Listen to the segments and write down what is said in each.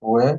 Ouais,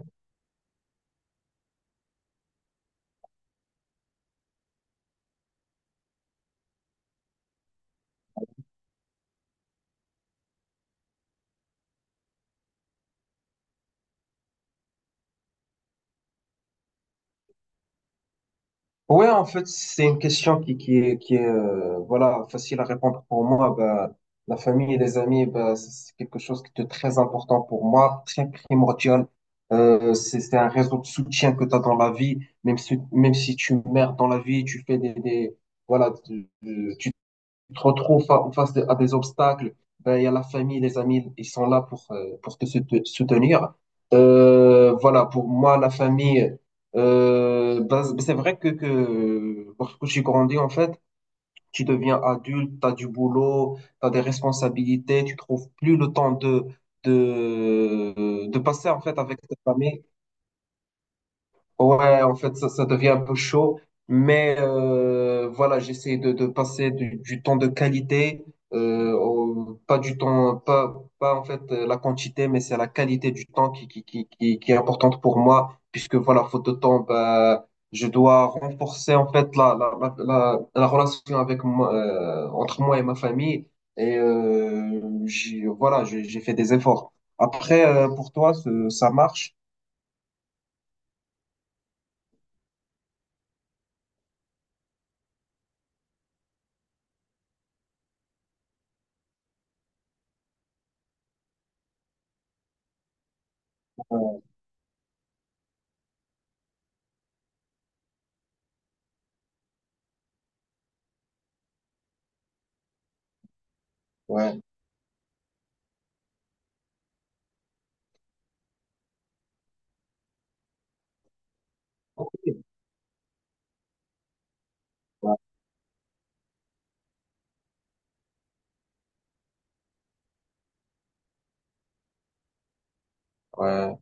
ouais, en fait, c'est une question qui est voilà, facile à répondre pour moi. Bah, la famille et les amis, bah, c'est quelque chose qui est très important pour moi, très primordial. C'est un réseau de soutien que tu as dans la vie, même si tu meurs dans la vie, tu fais des voilà, tu te retrouves face à des obstacles, ben, il y a la famille, les amis, ils sont là pour te soutenir. Voilà, pour moi, la famille, ben, c'est vrai que lorsque tu grandis, en fait, tu deviens adulte, tu as du boulot, tu as des responsabilités, tu trouves plus le temps de passer, en fait, avec ta famille. Ouais, en fait, ça devient un peu chaud, mais voilà, j'essaie de passer du temps de qualité, pas du temps, pas en fait la quantité, mais c'est la qualité du temps qui est importante pour moi, puisque voilà, faute de temps, bah, je dois renforcer en fait la relation avec moi, entre moi et ma famille, et voilà, j'ai fait des efforts. Après, pour toi, ça marche? Euh, Ouais. Ok. Ouais,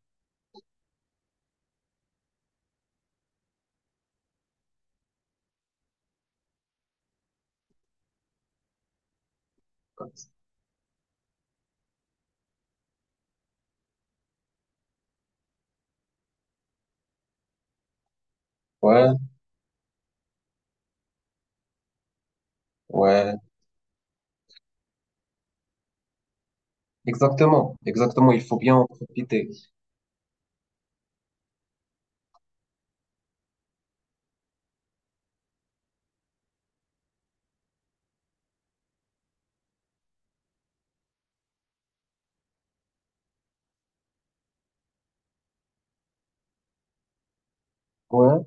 ouais, ouais. Exactement, exactement. Il faut bien en profiter. Ouais.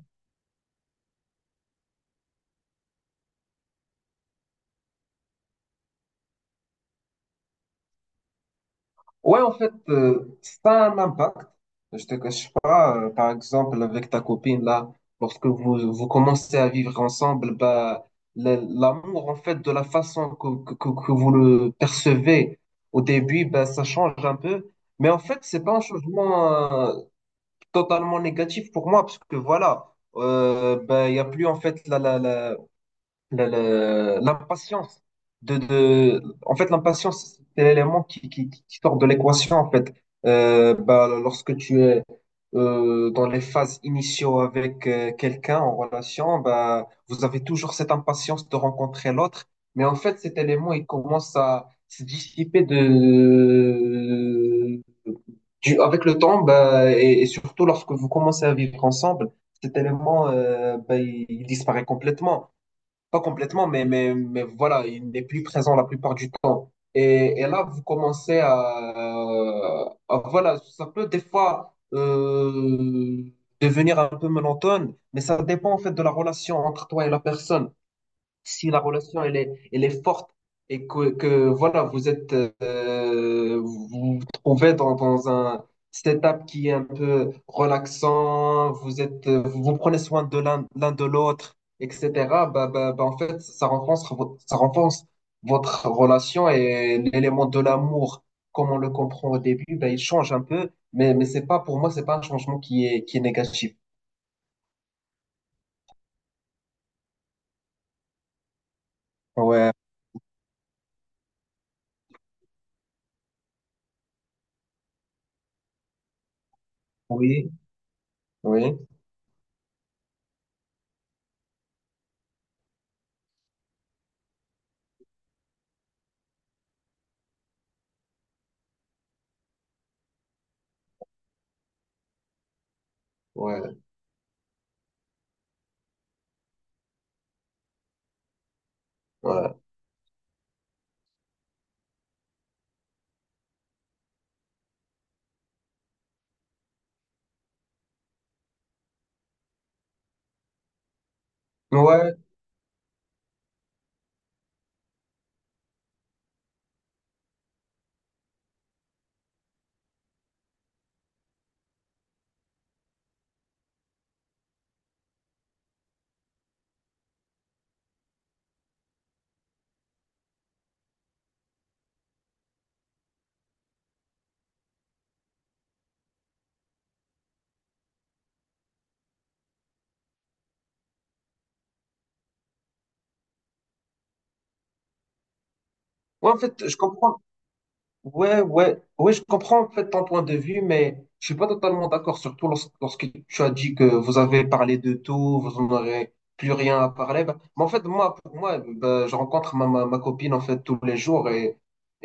Ouais, en fait, ça a un impact. Je te cache pas, par exemple, avec ta copine, là, lorsque vous commencez à vivre ensemble, bah, l'amour, en fait, de la façon que vous le percevez au début, bah, ça change un peu. Mais en fait, c'est pas un changement totalement négatif pour moi parce que voilà, ben, il n'y a plus en fait l'impatience de en fait l'impatience c'est l'élément qui sort de l'équation en fait. Bah, lorsque tu es dans les phases initiaux avec quelqu'un en relation, bah, vous avez toujours cette impatience de rencontrer l'autre, mais en fait cet élément il commence à se dissiper avec le temps, bah, et surtout lorsque vous commencez à vivre ensemble cet élément, bah, il disparaît complètement, pas complètement, mais voilà, il n'est plus présent la plupart du temps. Et là, vous commencez voilà, ça peut des fois devenir un peu monotone, mais ça dépend en fait de la relation entre toi et la personne. Si la relation elle est forte et voilà, vous êtes vous vous trouvez dans un setup qui est un peu relaxant, vous êtes vous vous prenez soin de l'un l'un de l'autre, etc. Bah, en fait, ça ça renforce votre relation et l'élément de l'amour, comme on le comprend au début, bah, il change un peu, mais c'est pas pour moi, c'est pas un changement qui est négatif. Ouais, oui, oui, ouais, ouais. Ouais. Ouais, en fait, je comprends. Ouais, je comprends en fait ton point de vue, mais je suis pas totalement d'accord, surtout lorsque tu as dit que vous avez parlé de tout, vous n'aurez plus rien à parler. Bah, mais en fait, moi, pour moi, bah, je rencontre ma copine en fait tous les jours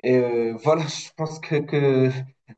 et voilà, je pense que, que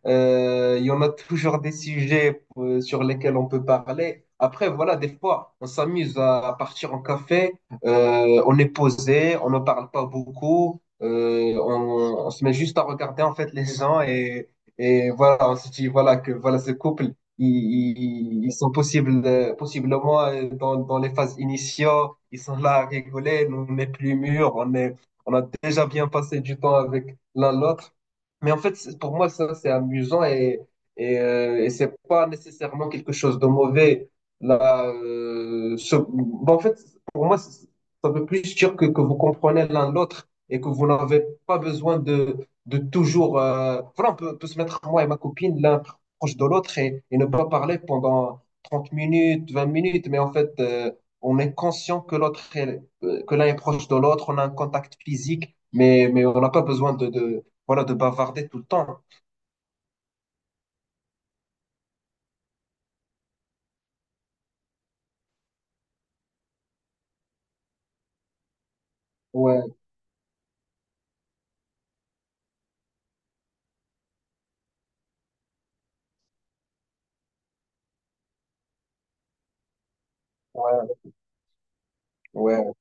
euh, il y en a toujours des sujets sur lesquels on peut parler. Après, voilà, des fois, on s'amuse à partir en café, on est posé, on ne parle pas beaucoup, on se met juste à regarder en fait les gens et voilà, on se dit voilà que voilà ce couple, ils, ils sont possibles, possiblement dans les phases initiaux, ils sont là à rigoler, nous on est plus mûrs, on a déjà bien passé du temps avec l'un l'autre. Mais en fait, pour moi, ça, c'est amusant et c'est pas nécessairement quelque chose de mauvais. Là, bon, en fait, pour moi, ça veut plus dire que vous comprenez l'un l'autre et que vous n'avez pas besoin de toujours. Voilà, on peut se mettre, moi et ma copine, l'un proche de l'autre et ne pas parler pendant 30 minutes, 20 minutes, mais en fait, on est conscient que l'autre est, que l'un est proche de l'autre, on a un contact physique, mais on n'a pas besoin voilà, de bavarder tout le temps. Ouais, ouais, ouais,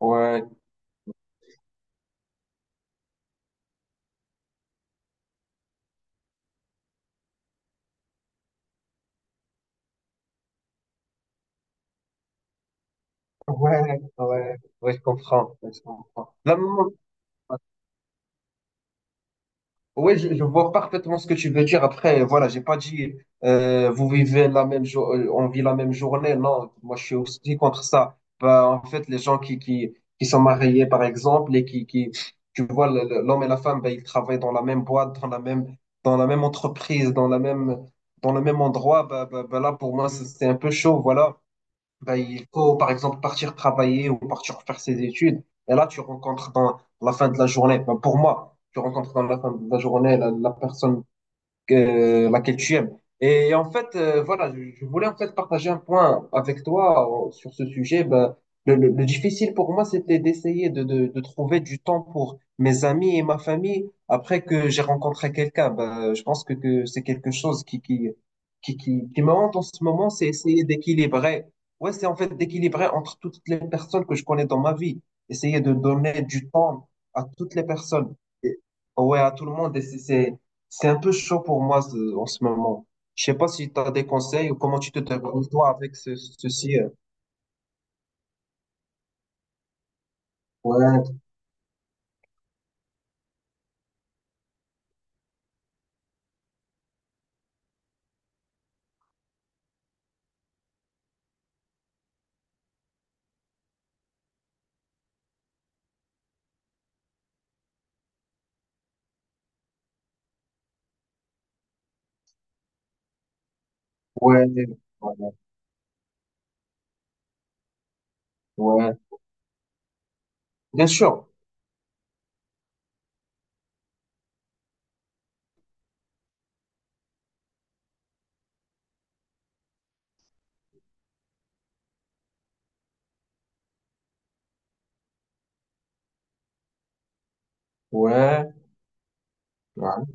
ouais, ouais, je comprends, ouais, je comprends. Oui, je vois parfaitement ce que tu veux dire. Après, voilà, j'ai pas dit vous vivez la même jour, on vit la même journée. Non, moi je suis aussi contre ça. Bah, en fait, les gens qui sont mariés, par exemple, et qui tu vois l'homme et la femme, bah, ils travaillent dans la même boîte, dans la même entreprise, dans le même endroit. Bah, là, pour moi, c'est un peu chaud. Voilà, ben, il faut, par exemple, partir travailler ou partir faire ses études. Et là, tu rencontres dans la fin de la journée, ben, pour moi, tu rencontres dans la fin de la journée la personne laquelle tu aimes. Et en fait, voilà, je voulais en fait partager un point avec toi sur ce sujet. Ben, le difficile pour moi, c'était d'essayer de trouver du temps pour mes amis et ma famille après que j'ai rencontré quelqu'un. Ben, je pense que c'est quelque chose qui me hante en ce moment, c'est essayer d'équilibrer. Ouais, c'est en fait d'équilibrer entre toutes les personnes que je connais dans ma vie. Essayer de donner du temps à toutes les personnes. Et- ouais, à tout le monde. Et c'est un peu chaud pour moi en ce moment. Je sais pas si tu as des conseils ou comment tu te débrouilles toi avec ceci. Ouais, ouais, ouais, ouais. Bien sûr. Ouais, ouais.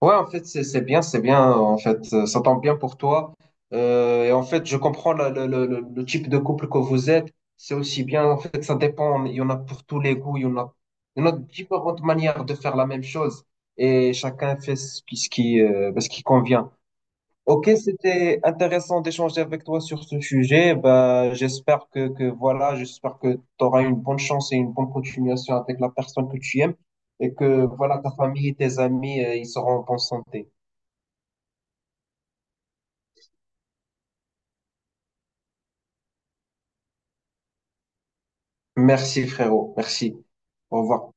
Ouais, en fait, c'est bien, c'est bien. En fait, ça tombe bien pour toi. Et en fait, je comprends le type de couple que vous êtes. C'est aussi bien. En fait, ça dépend. Il y en a pour tous les goûts. Il y en a différentes manières de faire la même chose. Et chacun fait ce qui, ben, ce qui convient. Ok, c'était intéressant d'échanger avec toi sur ce sujet. Bah, j'espère que tu auras une bonne chance et une bonne continuation avec la personne que tu aimes et que voilà, ta famille et tes amis, ils seront en bonne santé. Merci frérot, merci. Au revoir.